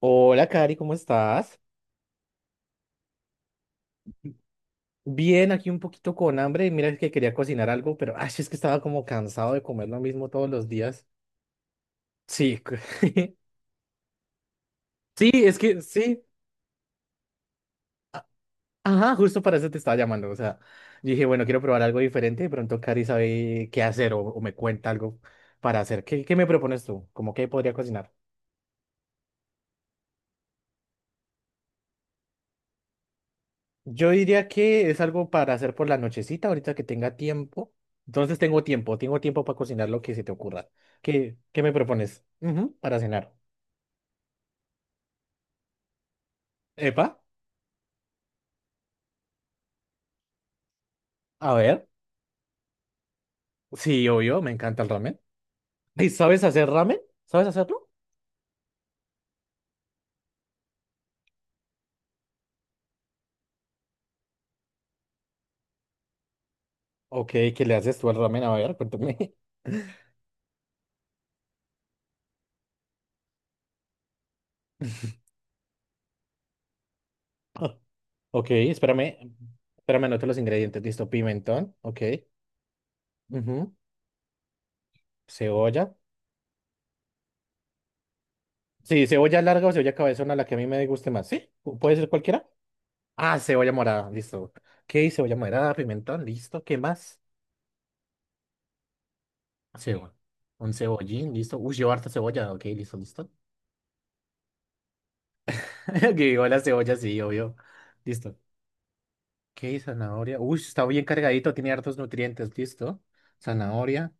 Hola, Cari, ¿cómo estás? Bien, aquí un poquito con hambre. Y mira que quería cocinar algo, pero ay, es que estaba como cansado de comer lo mismo todos los días. Sí, cu- sí, es que sí. Ajá, justo para eso te estaba llamando. O sea, yo dije, bueno, quiero probar algo diferente. De pronto Cari sabe qué hacer o me cuenta algo para hacer. ¿Qué me propones tú? ¿Cómo que podría cocinar? Yo diría que es algo para hacer por la nochecita, ahorita que tenga tiempo. Entonces tengo tiempo para cocinar lo que se te ocurra. ¿Qué me propones? Ujú, para cenar. Epa, a ver. Sí, obvio, me encanta el ramen. ¿Y sabes hacer ramen? ¿Sabes hacerlo? Ok, ¿qué le haces tú al ramen? A ver, cuéntame. Ah, ok, espérame. Espérame, anoto los ingredientes. Listo, pimentón. Ok. Ujú, cebolla. Sí, cebolla larga o cebolla cabezona, la que a mí me guste más. ¿Sí? ¿Pu- ¿Puede ser cualquiera? Ah, cebolla morada. Listo. Ok, cebolla morada, pimentón. Listo. ¿Qué más? Cebolla. Un cebollín. Listo. Uy, llevo harta cebolla. Ok, listo, listo. Que viva la cebolla, sí, obvio. Listo. Ok, zanahoria. Uy, está bien cargadito, tiene hartos nutrientes, listo. Zanahoria.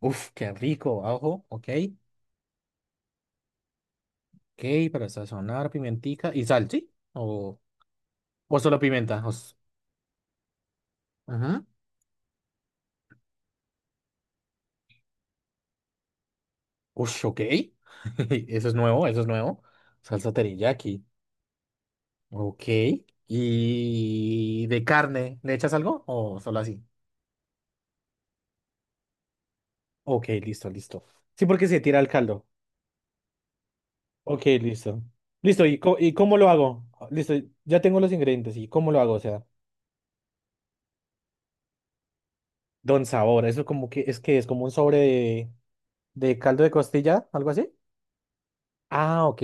Uf, qué rico, ajo, ok. Ok, para sazonar, pimentica y sal, ¿sí? O solo pimienta, o s- ajá. Ush, ok. Eso es nuevo, eso es nuevo. Salsa teriyaki. Ok. ¿Y de carne? ¿Le echas algo o solo así? Ok, listo, listo. Sí, porque se tira el caldo. Ok, listo. Listo, ¿y, co- y cómo lo hago? Listo, ya tengo los ingredientes. ¿Y cómo lo hago? O sea. Don Sabor, eso como que es como un sobre de caldo de costilla, algo así. Ah, ok.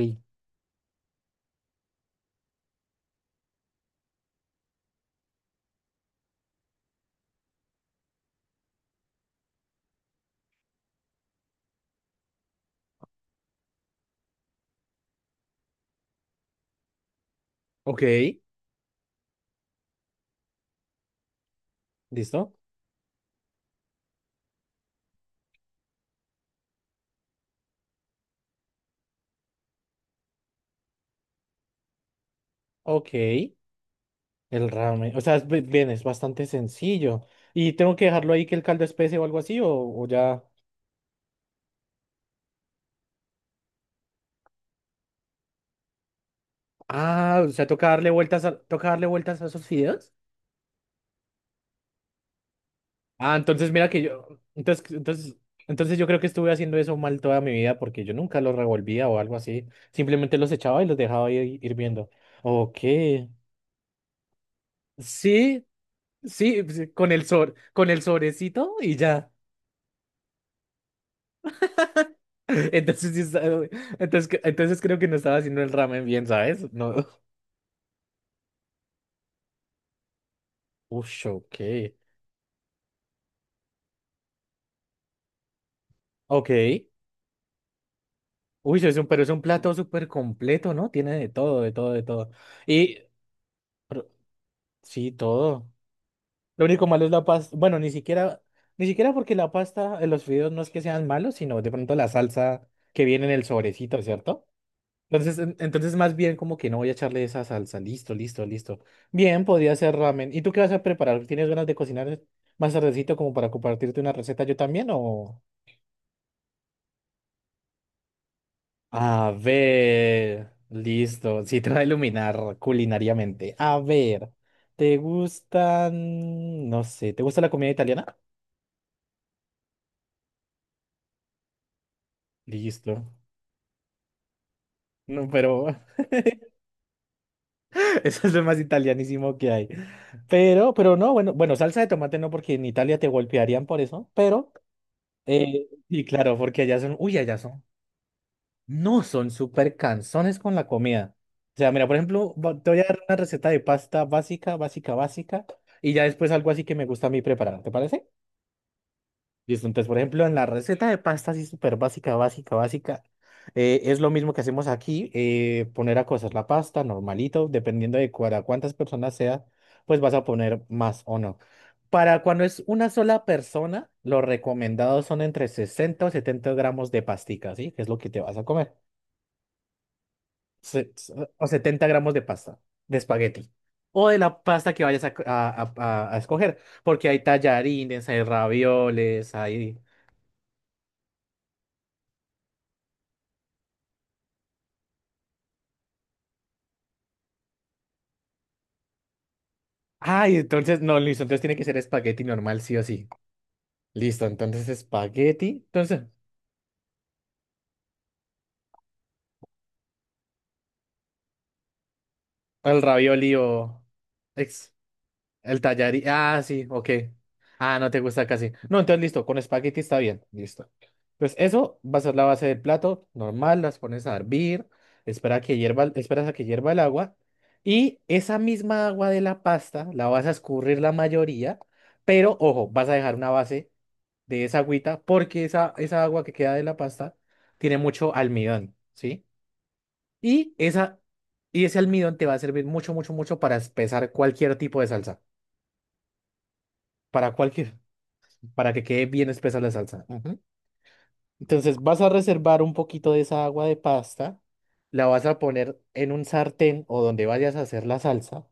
Ok, listo. Ok, el ramen. O sea, es bi- bien, es bastante sencillo. ¿Y tengo que dejarlo ahí que el caldo espese o algo así? O ya? Ah, o sea, toca darle vueltas a, toca darle vueltas a esos fideos. Ah, entonces mira que yo. Entonces, entonces, entonces yo creo que estuve haciendo eso mal toda mi vida porque yo nunca los revolvía o algo así. Simplemente los echaba y los dejaba ahí hirviendo. Ok. Sí, sí, pues, sí, con el sor con el sobrecito y ya. Entonces, sí está- entonces creo que no estaba haciendo el ramen bien, ¿sabes? No. Uy, ok. Ok. Uy, es un, pero es un plato súper completo, ¿no? Tiene de todo, de todo, de todo. Y pero- sí, todo. Lo único malo es la pasta. Bueno, ni siquiera, ni siquiera porque la pasta, los fideos no es que sean malos, sino de pronto la salsa que viene en el sobrecito, ¿cierto? Entonces, en- entonces más bien como que no voy a echarle esa salsa. Listo, listo, listo. Bien, podría ser ramen. ¿Y tú qué vas a preparar? ¿Tienes ganas de cocinar más tardecito como para compartirte una receta yo también o...? A ver, listo. Sí, te va a iluminar culinariamente. A ver, ¿te gustan, no sé, ¿te gusta la comida italiana? Listo. No, pero eso es lo más italianísimo que hay. Pero no, bueno, bueno, salsa de tomate no, porque en Italia te golpearían por eso, pero... y claro, porque allá son, uy, allá son, no son súper cansones con la comida. O sea, mira, por ejemplo, va- te voy a dar una receta de pasta básica, básica, básica, y ya después algo así que me gusta a mí preparar, ¿te parece? Listo, entonces, por ejemplo, en la receta de pasta, así súper básica, básica, básica, es lo mismo que hacemos aquí, poner a cocer la pasta, normalito, dependiendo de cuara- cuántas personas sea, pues vas a poner más o no. Para cuando es una sola persona, lo recomendado son entre 60 o 70 gramos de pastica, ¿sí? Que es lo que te vas a comer. Se- se- o 70 gramos de pasta, de espagueti. O de la pasta que vayas a escoger, porque hay tallarines, hay ravioles, hay... Ay, entonces, no, listo, entonces tiene que ser espagueti normal, sí o sí. Listo, entonces espagueti. Entonces, el ravioli o... ex- el tallarín. Ah, sí, ok. Ah, no te gusta casi. No, entonces listo, con espagueti está bien. Listo. Pues eso va a ser la base del plato. Normal, las pones a hervir. Espera a que hierva, esperas a que hierva el agua. Y esa misma agua de la pasta la vas a escurrir la mayoría. Pero ojo, vas a dejar una base de esa agüita porque esa agua que queda de la pasta tiene mucho almidón, ¿sí? Y, esa, y ese almidón te va a servir mucho, mucho, mucho para espesar cualquier tipo de salsa para, cualquier, para que quede bien espesa la salsa. Ujú. Entonces vas a reservar un poquito de esa agua de pasta, la vas a poner en un sartén o donde vayas a hacer la salsa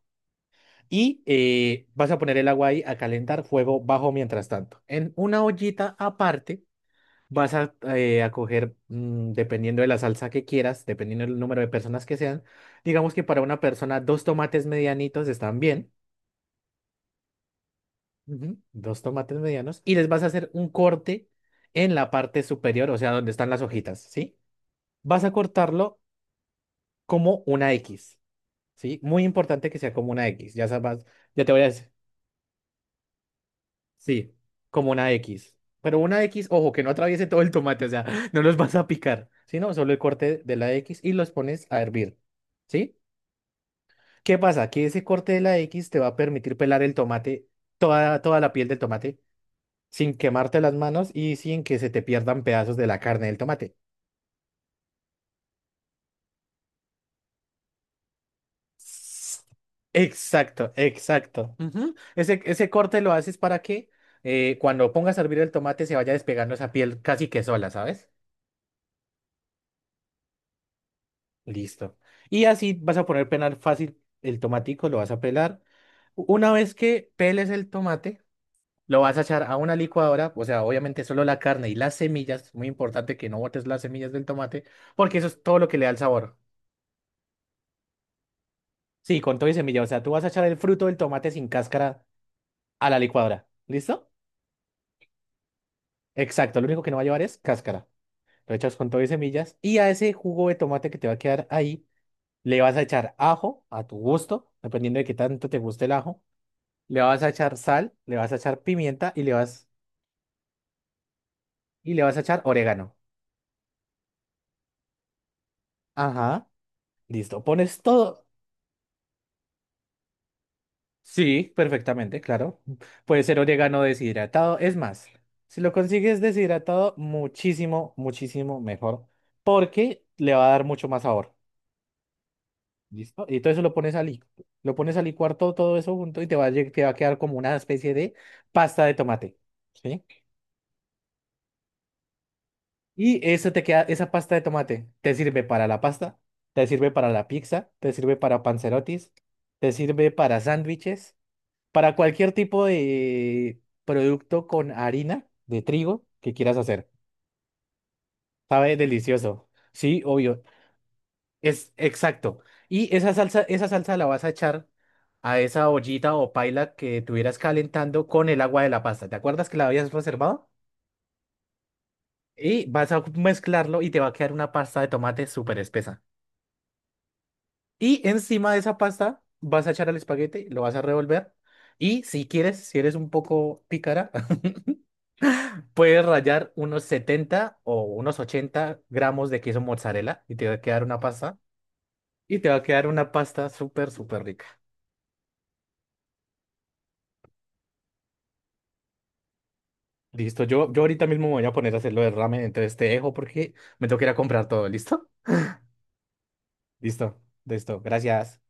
y vas a poner el agua ahí a calentar fuego bajo mientras tanto. En una ollita aparte vas a coger, mm, dependiendo de la salsa que quieras, dependiendo del número de personas que sean, digamos que para una persona dos tomates medianitos están bien. Ujú, dos tomates medianos y les vas a hacer un corte en la parte superior, o sea, donde están las hojitas, ¿sí? Vas a cortarlo como una X, ¿sí? Muy importante que sea como una X, ya sabes, ya te voy a decir, sí, como una X. Pero una X, ojo, que no atraviese todo el tomate, o sea, no los vas a picar, sino solo el corte de la X y los pones a hervir, ¿sí? ¿Qué pasa? Que ese corte de la X te va a permitir pelar el tomate, toda, toda la piel del tomate sin quemarte las manos y sin que se te pierdan pedazos de la carne del tomate. S- exacto, exacto. Ujú. Ese corte lo haces para que cuando pongas a hervir el tomate se vaya despegando esa piel casi que sola, ¿sabes? Listo. Y así vas a poner pelar fácil el tomatico, lo vas a pelar. Una vez que peles el tomate, lo vas a echar a una licuadora, o sea, obviamente solo la carne y las semillas, muy importante que no botes las semillas del tomate, porque eso es todo lo que le da el sabor. Sí, con todo y semilla. O sea, tú vas a echar el fruto del tomate sin cáscara a la licuadora. ¿Listo? Exacto. Lo único que no va a llevar es cáscara. Lo echas con todo y semillas. Y a ese jugo de tomate que te va a quedar ahí, le vas a echar ajo a tu gusto, dependiendo de qué tanto te guste el ajo. Le vas a echar sal, le vas a echar pimienta y le vas a echar orégano. Ajá. Listo. Pones todo, sí, perfectamente, claro. Puede ser orégano deshidratado. Es más, si lo consigues deshidratado, muchísimo, muchísimo mejor, porque le va a dar mucho más sabor. ¿Listo? Y todo eso lo pones a licuar. Lo pones a licuar todo, todo eso junto y te va a, lle- te va a quedar como una especie de pasta de tomate. ¿Sí? Y eso te queda, esa pasta de tomate te sirve para la pasta, te sirve para la pizza, te sirve para panzerotis, te sirve para sándwiches. Para cualquier tipo de producto con harina de trigo que quieras hacer. Sabe delicioso. Sí, obvio. Es exacto. Y esa salsa la vas a echar a esa ollita o paila que tuvieras calentando con el agua de la pasta. ¿Te acuerdas que la habías reservado? Y vas a mezclarlo y te va a quedar una pasta de tomate súper espesa. Y encima de esa pasta vas a echar el espagueti, lo vas a revolver. Y si quieres, si eres un poco pícara, puedes rallar unos 70 o unos 80 gramos de queso mozzarella y te va a quedar una pasta. Y te va a quedar una pasta súper, súper rica. Listo, yo ahorita mismo me voy a poner a hacer lo del ramen, entonces te dejo porque me tengo que ir a comprar todo. ¿Listo? Listo, listo. Gracias.